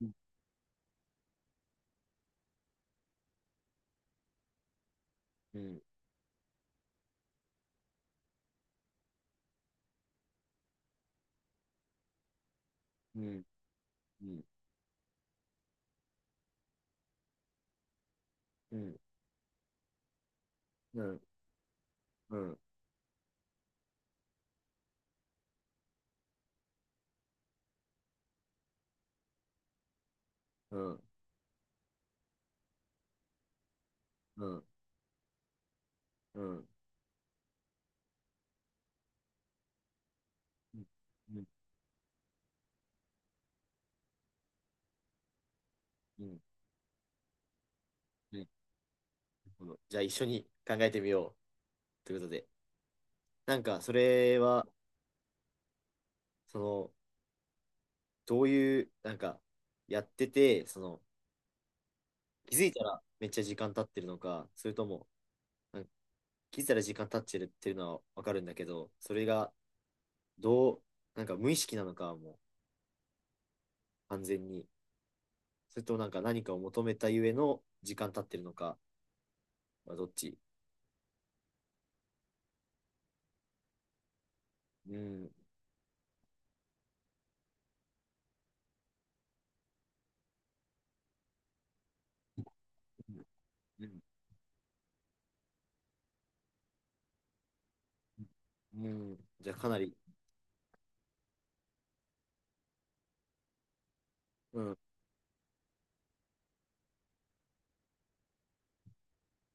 うん。うん。うん。うん。うん。うん。うん。うん。うん。うん。うん。うん。なるほど。じゃあ一緒に考えてみようということで、なんかそれはそのどういうなんかやっててその気づいたらめっちゃ時間経ってるのか、それともなんか気づいたら時間経ってるっていうのはわかるんだけど、それがどう、なんか無意識なのかもう完全に、それともなんか何かを求めたゆえの時間経ってるのかはどっち？うん。うん。うん。じゃあかなり、うん。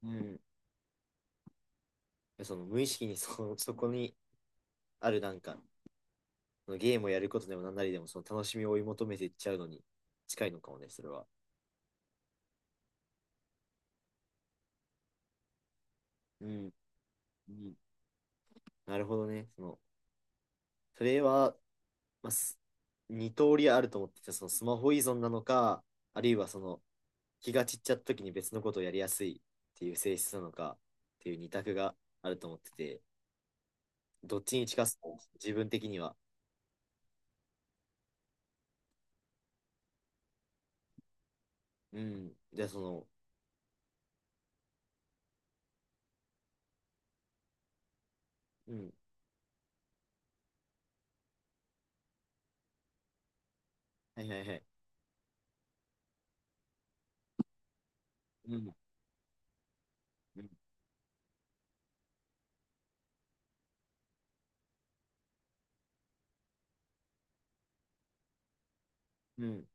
うん。その無意識にそこにあるなんかそのゲームをやることでも何なりでもその楽しみを追い求めていっちゃうのに近いのかもね、それは。うん。うん。なるほどね。そのそれは、まあ、2通りあると思ってて、そのスマホ依存なのか、あるいはその気が散っちゃった時に別のことをやりやすいっていう性質なのかっていう二択があると思ってて、どっちに近すか自分的には？うん、じゃあその、うん、はいはいはい。うん。うん。うん。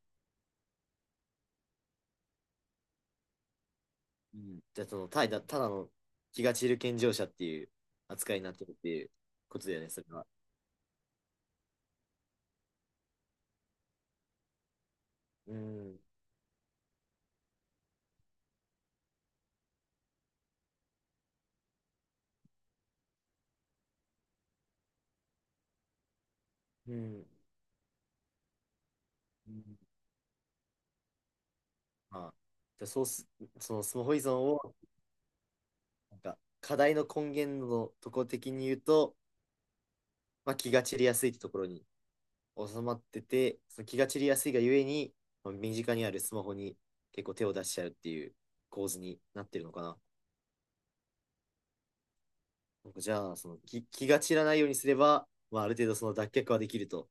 うん、じゃあ、その、ただの気が散る健常者っていう扱いになってるっていうことだよね、それは。うん。うん。うん。まあ、じゃあそうす、そのスマホ依存を、なんか、課題の根源のとこ的に言うと、まあ、気が散りやすいってところに収まってて、その気が散りやすいがゆえに、まあ身近にあるスマホに結構手を出しちゃうっていう構図になってるのかな。なんかじゃあ、その気が散らないようにすれば、まあ、ある程度その脱却はできると。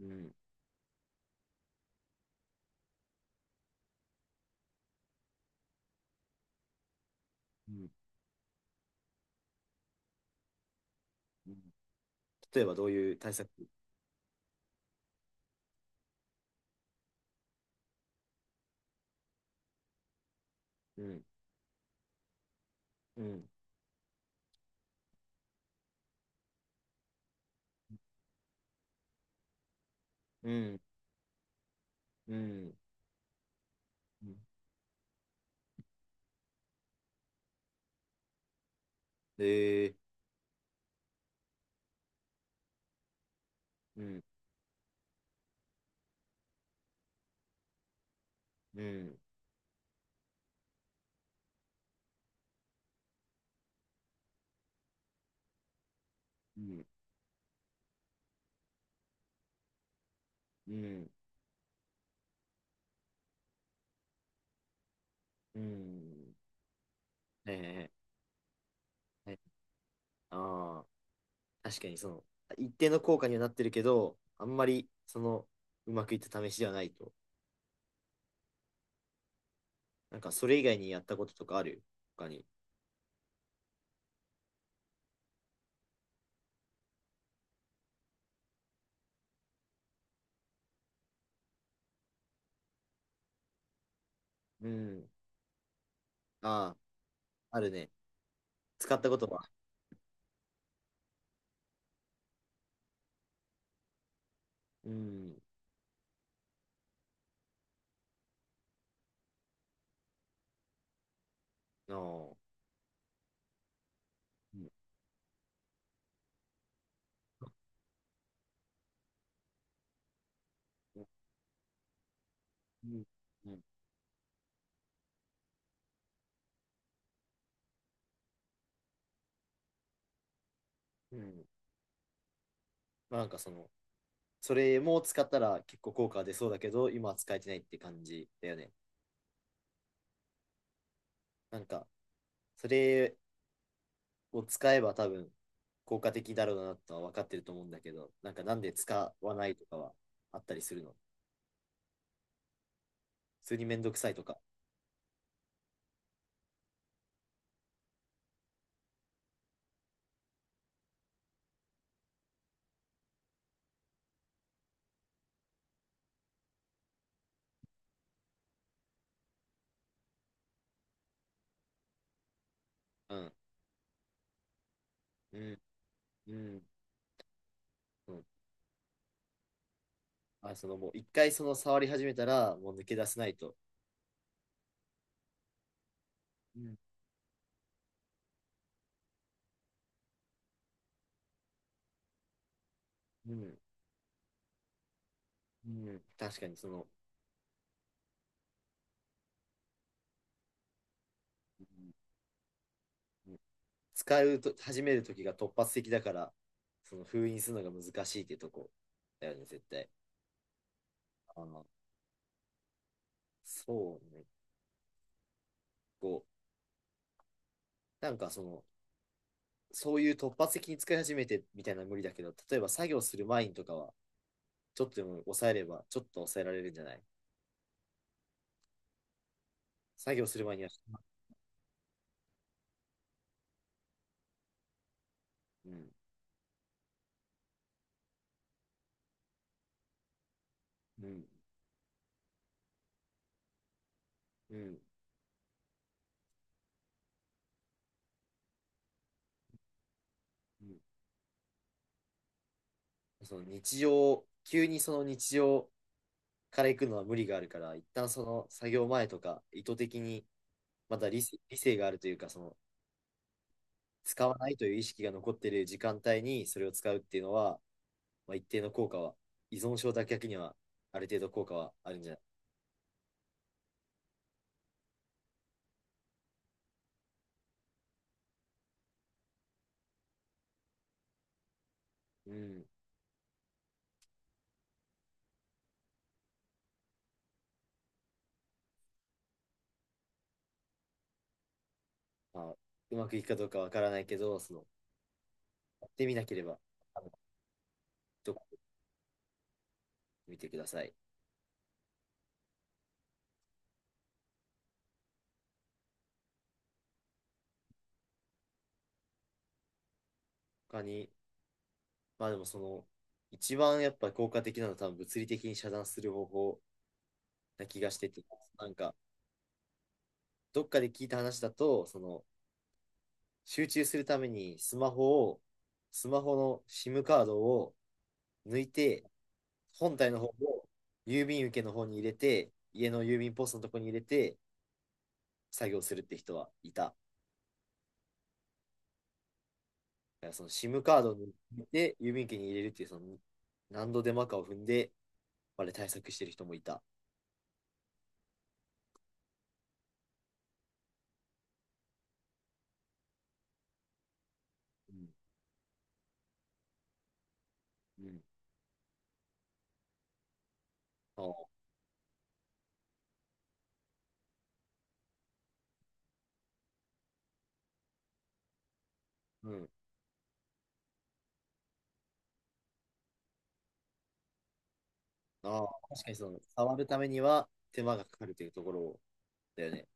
うん。うん。うん、例えばどういう対策？うん。うん。うん。うん。うん。えー。うん。うん。うん。うん。うん。ええええ、ああー、確かにその、一定の効果にはなってるけど、あんまり、その、うまくいった試しではないと。なんか、それ以外にやったこととかある、他に？うん。ああ、あるね。使ったことは？うん。ああ。うん。うん。うん。うん。まあなんかその、それも使ったら結構効果出そうだけど、今は使えてないって感じだよね。なんか、それを使えば多分効果的だろうなとは分かってると思うんだけど、なんかなんで使わないとかはあったりするの？普通にめんどくさいとか？うん。うん。うん。うん。あ、そのもう一回その触り始めたらもう抜け出せないと。うん。うん。うん。確かにその、うん、使うと始める時が突発的だから、その封印するのが難しいってとこだよね、絶対。あー、そうね。こう、なんかその、そういう突発的に使い始めてみたいなのは無理だけど、例えば作業する前にとかは、ちょっとでも抑えれば、ちょっと抑えられるんじゃない？作業する前には、うん、うん、うん、うん。その日常、急にその日常から行くのは無理があるから、一旦その作業前とか、意図的に、また理性があるというか、その、使わないという意識が残っている時間帯にそれを使うっていうのは、まあ、一定の効果は、依存症脱却にはある程度効果はあるんじゃない？うん。まあ、うまくいくかどうかわからないけど、その、やってみなければ、あの、どこ見てください。他に、まあでもその、一番やっぱ効果的なのは多分物理的に遮断する方法な気がしてて、なんか、どっかで聞いた話だと、その、集中するためにスマホを、スマホの SIM カードを抜いて本体の方を郵便受けの方に入れて、家の郵便ポストのとこに入れて作業するって人はいた。だからその SIM カードに入れて、郵便受けに入れるっていう、その何度手間かを踏んで、あれ対策してる人もいた。うん。うん。ああ、うん。ああ、確かにその、触るためには手間がかかるというところだよね。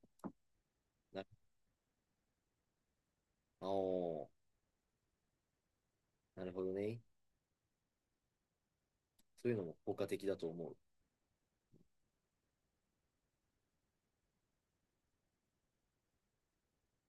ああ、なるほどね。そういうのも効果的だと思う。